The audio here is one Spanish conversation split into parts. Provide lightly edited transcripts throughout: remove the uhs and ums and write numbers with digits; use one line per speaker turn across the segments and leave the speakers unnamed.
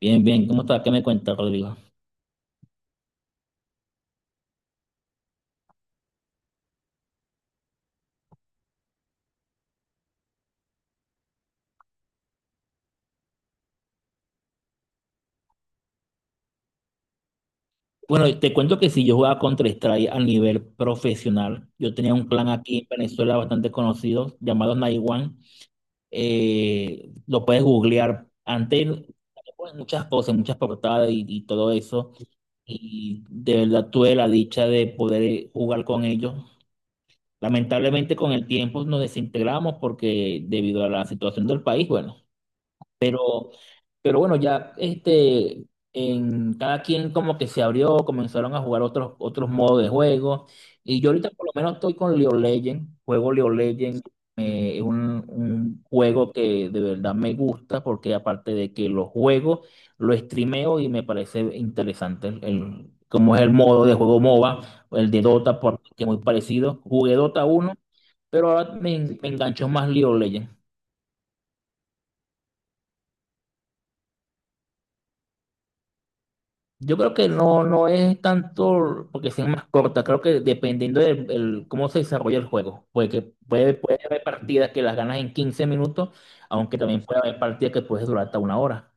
Bien, bien, ¿cómo está? ¿Qué me cuenta, Rodrigo? Bueno, te cuento que si yo jugaba Counter-Strike a nivel profesional, yo tenía un clan aquí en Venezuela bastante conocido llamado Night One. Lo puedes googlear. Antes ponen muchas cosas, muchas portadas y todo eso. Y de verdad tuve la dicha de poder jugar con ellos. Lamentablemente con el tiempo nos desintegramos porque debido a la situación del país, bueno. Pero, pero bueno, ya, en cada quien como que se abrió, comenzaron a jugar otros modos de juego. Y yo ahorita por lo menos estoy con League of Legends, juego League of Legends, es un juego que de verdad me gusta porque aparte de que lo juego, lo streameo y me parece interesante como es el modo de juego MOBA, o el de Dota, porque es muy parecido. Jugué Dota uno pero ahora me enganchó más League of Legends. Yo creo que no, no es tanto porque sea más corta, creo que dependiendo cómo se desarrolla el juego, porque puede, puede haber partidas que las ganas en 15 minutos, aunque también puede haber partidas que puedes durar hasta 1 hora.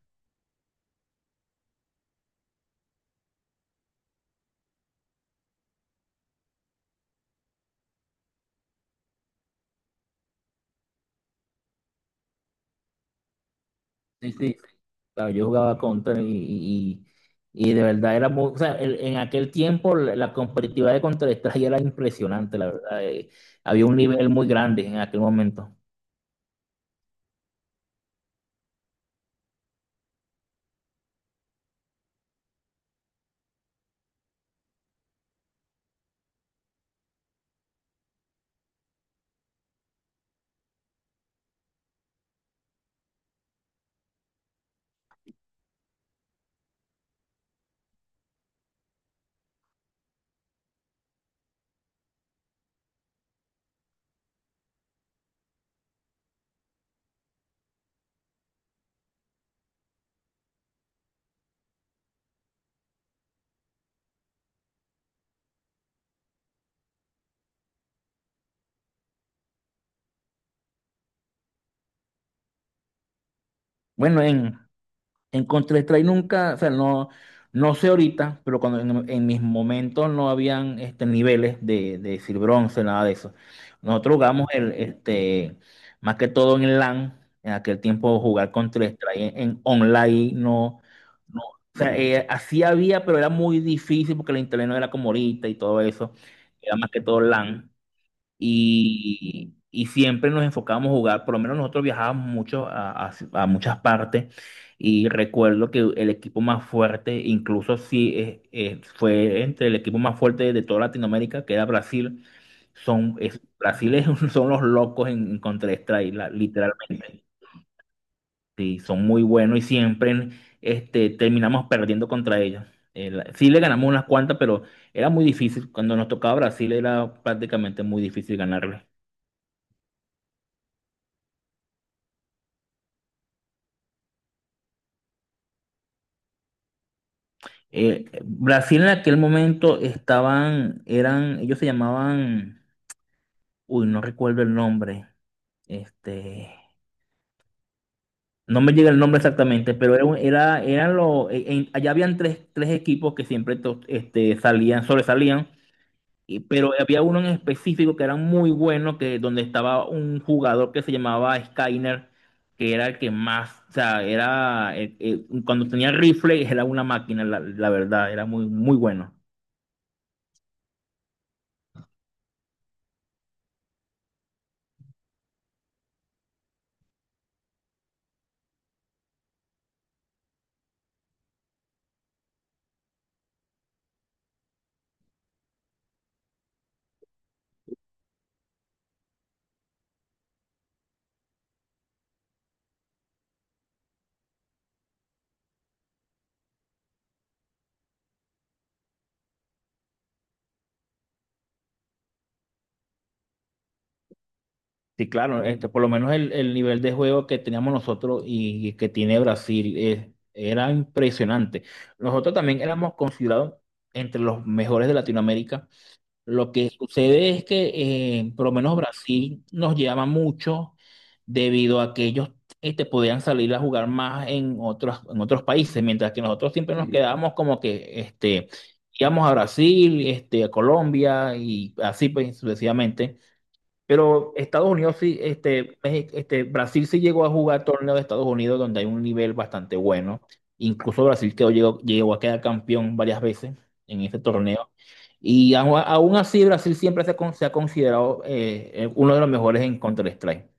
Sí, sí. Claro, yo jugaba Counter y de verdad era muy, o sea, en aquel tiempo la competitividad de Counter-Strike era impresionante, la verdad. Había un nivel muy grande en aquel momento. Bueno, en, En Counter-Strike nunca, o sea, no, no sé ahorita, pero cuando en mis momentos no habían niveles de decir bronce, nada de eso. Nosotros jugamos el, más que todo en LAN, en aquel tiempo jugar Counter-Strike en online, no, no, o sea, así había, pero era muy difícil porque el internet no era como ahorita y todo eso, era más que todo LAN y siempre nos enfocábamos a jugar, por lo menos nosotros viajábamos mucho a muchas partes y recuerdo que el equipo más fuerte, incluso sí, fue entre el equipo más fuerte de toda Latinoamérica, que era Brasil, Brasil es son los locos en Counter-Strike, literalmente, sí, son muy buenos y siempre terminamos perdiendo contra ellos. Sí le ganamos unas cuantas, pero era muy difícil. Cuando nos tocaba Brasil era prácticamente muy difícil ganarle. Brasil en aquel momento estaban, eran, ellos se llamaban, uy, no recuerdo el nombre, este, no me llega el nombre exactamente, pero eran los, allá habían tres equipos que siempre sobresalían, pero había uno en específico que era muy bueno, que donde estaba un jugador que se llamaba Skyner, que era el que más, o sea, era, cuando tenía rifle era una máquina, la verdad, era muy, muy bueno. Sí, claro, por lo menos el nivel de juego que teníamos nosotros y, que tiene Brasil era impresionante. Nosotros también éramos considerados entre los mejores de Latinoamérica. Lo que sucede es que por lo menos Brasil nos llama mucho debido a que ellos podían salir a jugar más en otros países, mientras que nosotros siempre nos, sí, quedábamos como que, íbamos a Brasil, este, a Colombia y así pues, sucesivamente. Pero Estados Unidos sí, Brasil sí llegó a jugar torneo de Estados Unidos donde hay un nivel bastante bueno. Incluso Brasil llegó a quedar campeón varias veces en ese torneo. Y aún así Brasil siempre se ha considerado uno de los mejores en Counter-Strike.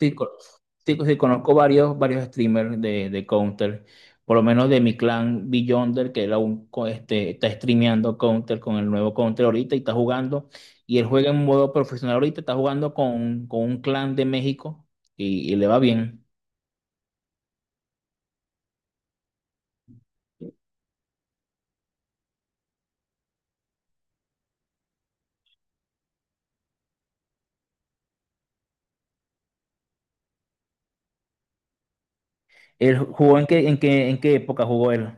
Sí, sí, sí, conozco varios streamers de Counter, por lo menos de mi clan Beyonder, que él aún está streameando Counter con el nuevo Counter ahorita y está jugando, y él juega en modo profesional ahorita, está jugando con un clan de México y le va bien. ¿Él jugó en qué época jugó él?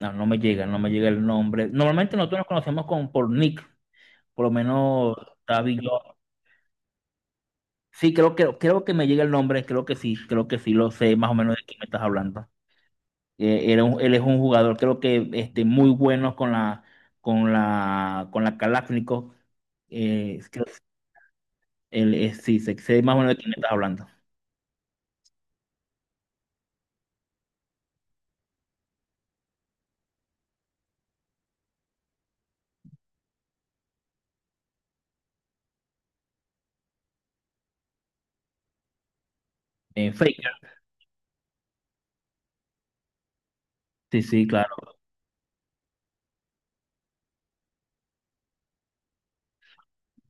No, no me llega el nombre. Normalmente nosotros nos conocemos por Nick, por lo menos está Beyonder. Sí, creo que me llega el nombre, creo que sí lo sé más o menos de quién me estás hablando. Él es un jugador, creo que muy bueno con la, con la Kalashnikov. Eh, creo- sí, sé más o menos de quién me estás hablando. Faker, sí, sí, claro.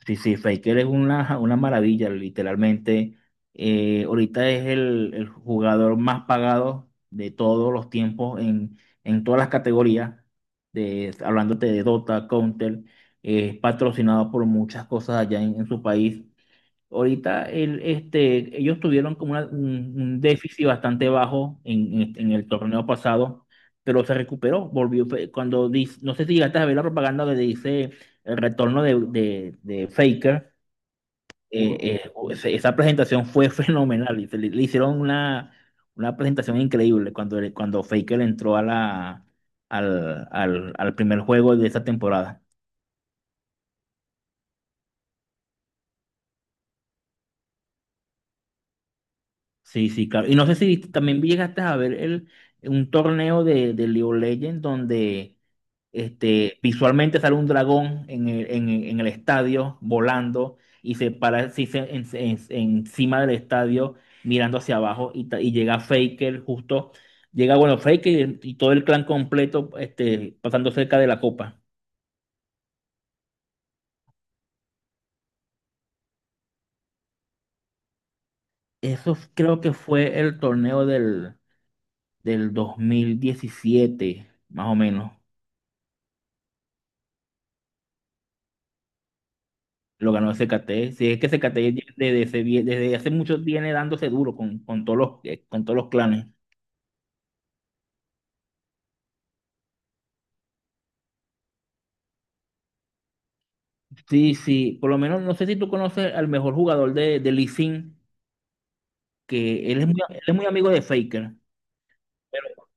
Sí, sí, Faker es una maravilla, literalmente. Ahorita es el jugador más pagado de todos los tiempos en todas las categorías, de, hablándote de Dota, Counter, es patrocinado por muchas cosas allá en su país. Ahorita ellos tuvieron como un déficit bastante bajo en el torneo pasado, pero se recuperó, volvió. Fue cuando dice, no sé si llegaste a ver la propaganda donde dice el retorno de Faker. Esa presentación fue fenomenal. Y se le hicieron una presentación increíble cuando Faker entró a la, al, al al primer juego de esa temporada. Sí, sí, claro. Y no sé si también llegaste a ver el, un torneo de League of Legends donde visualmente sale un dragón en el estadio volando y se para sí, encima del estadio mirando hacia abajo y llega Faker justo, llega, bueno, Faker y todo el clan completo pasando cerca de la copa. Creo que fue el torneo del 2017 más o menos. Lo ganó el CKT. Sí, es que CKT desde hace mucho viene dándose duro con todos los clanes. Sí, sí, por lo menos no sé si tú conoces al mejor jugador de Lee Sin, que él es muy amigo de Faker. Pero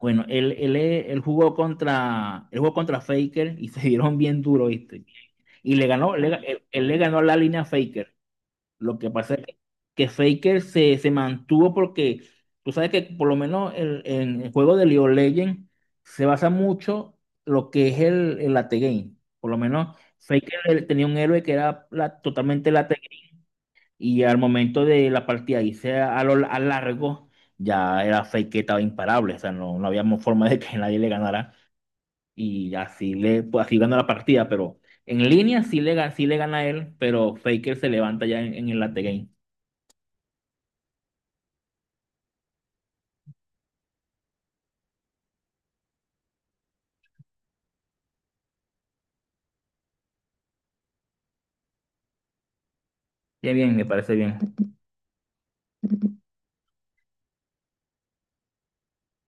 bueno, él jugó contra Faker y se dieron bien duro, ¿viste? Y le ganó, le él, él le ganó la línea a Faker. Lo que pasa es que Faker se mantuvo porque tú sabes que por lo menos en el juego de League of Legends se basa mucho lo que es el late game. Por lo menos Faker él tenía un héroe que era totalmente late game y al momento de la partida irse a largo ya era Faker estaba imparable. O sea, no, no había forma de que nadie le ganara y así, le, pues, así ganó la partida, pero... En línea sí sí le gana él, pero Faker se levanta ya en el late game. Bien, bien, me parece bien.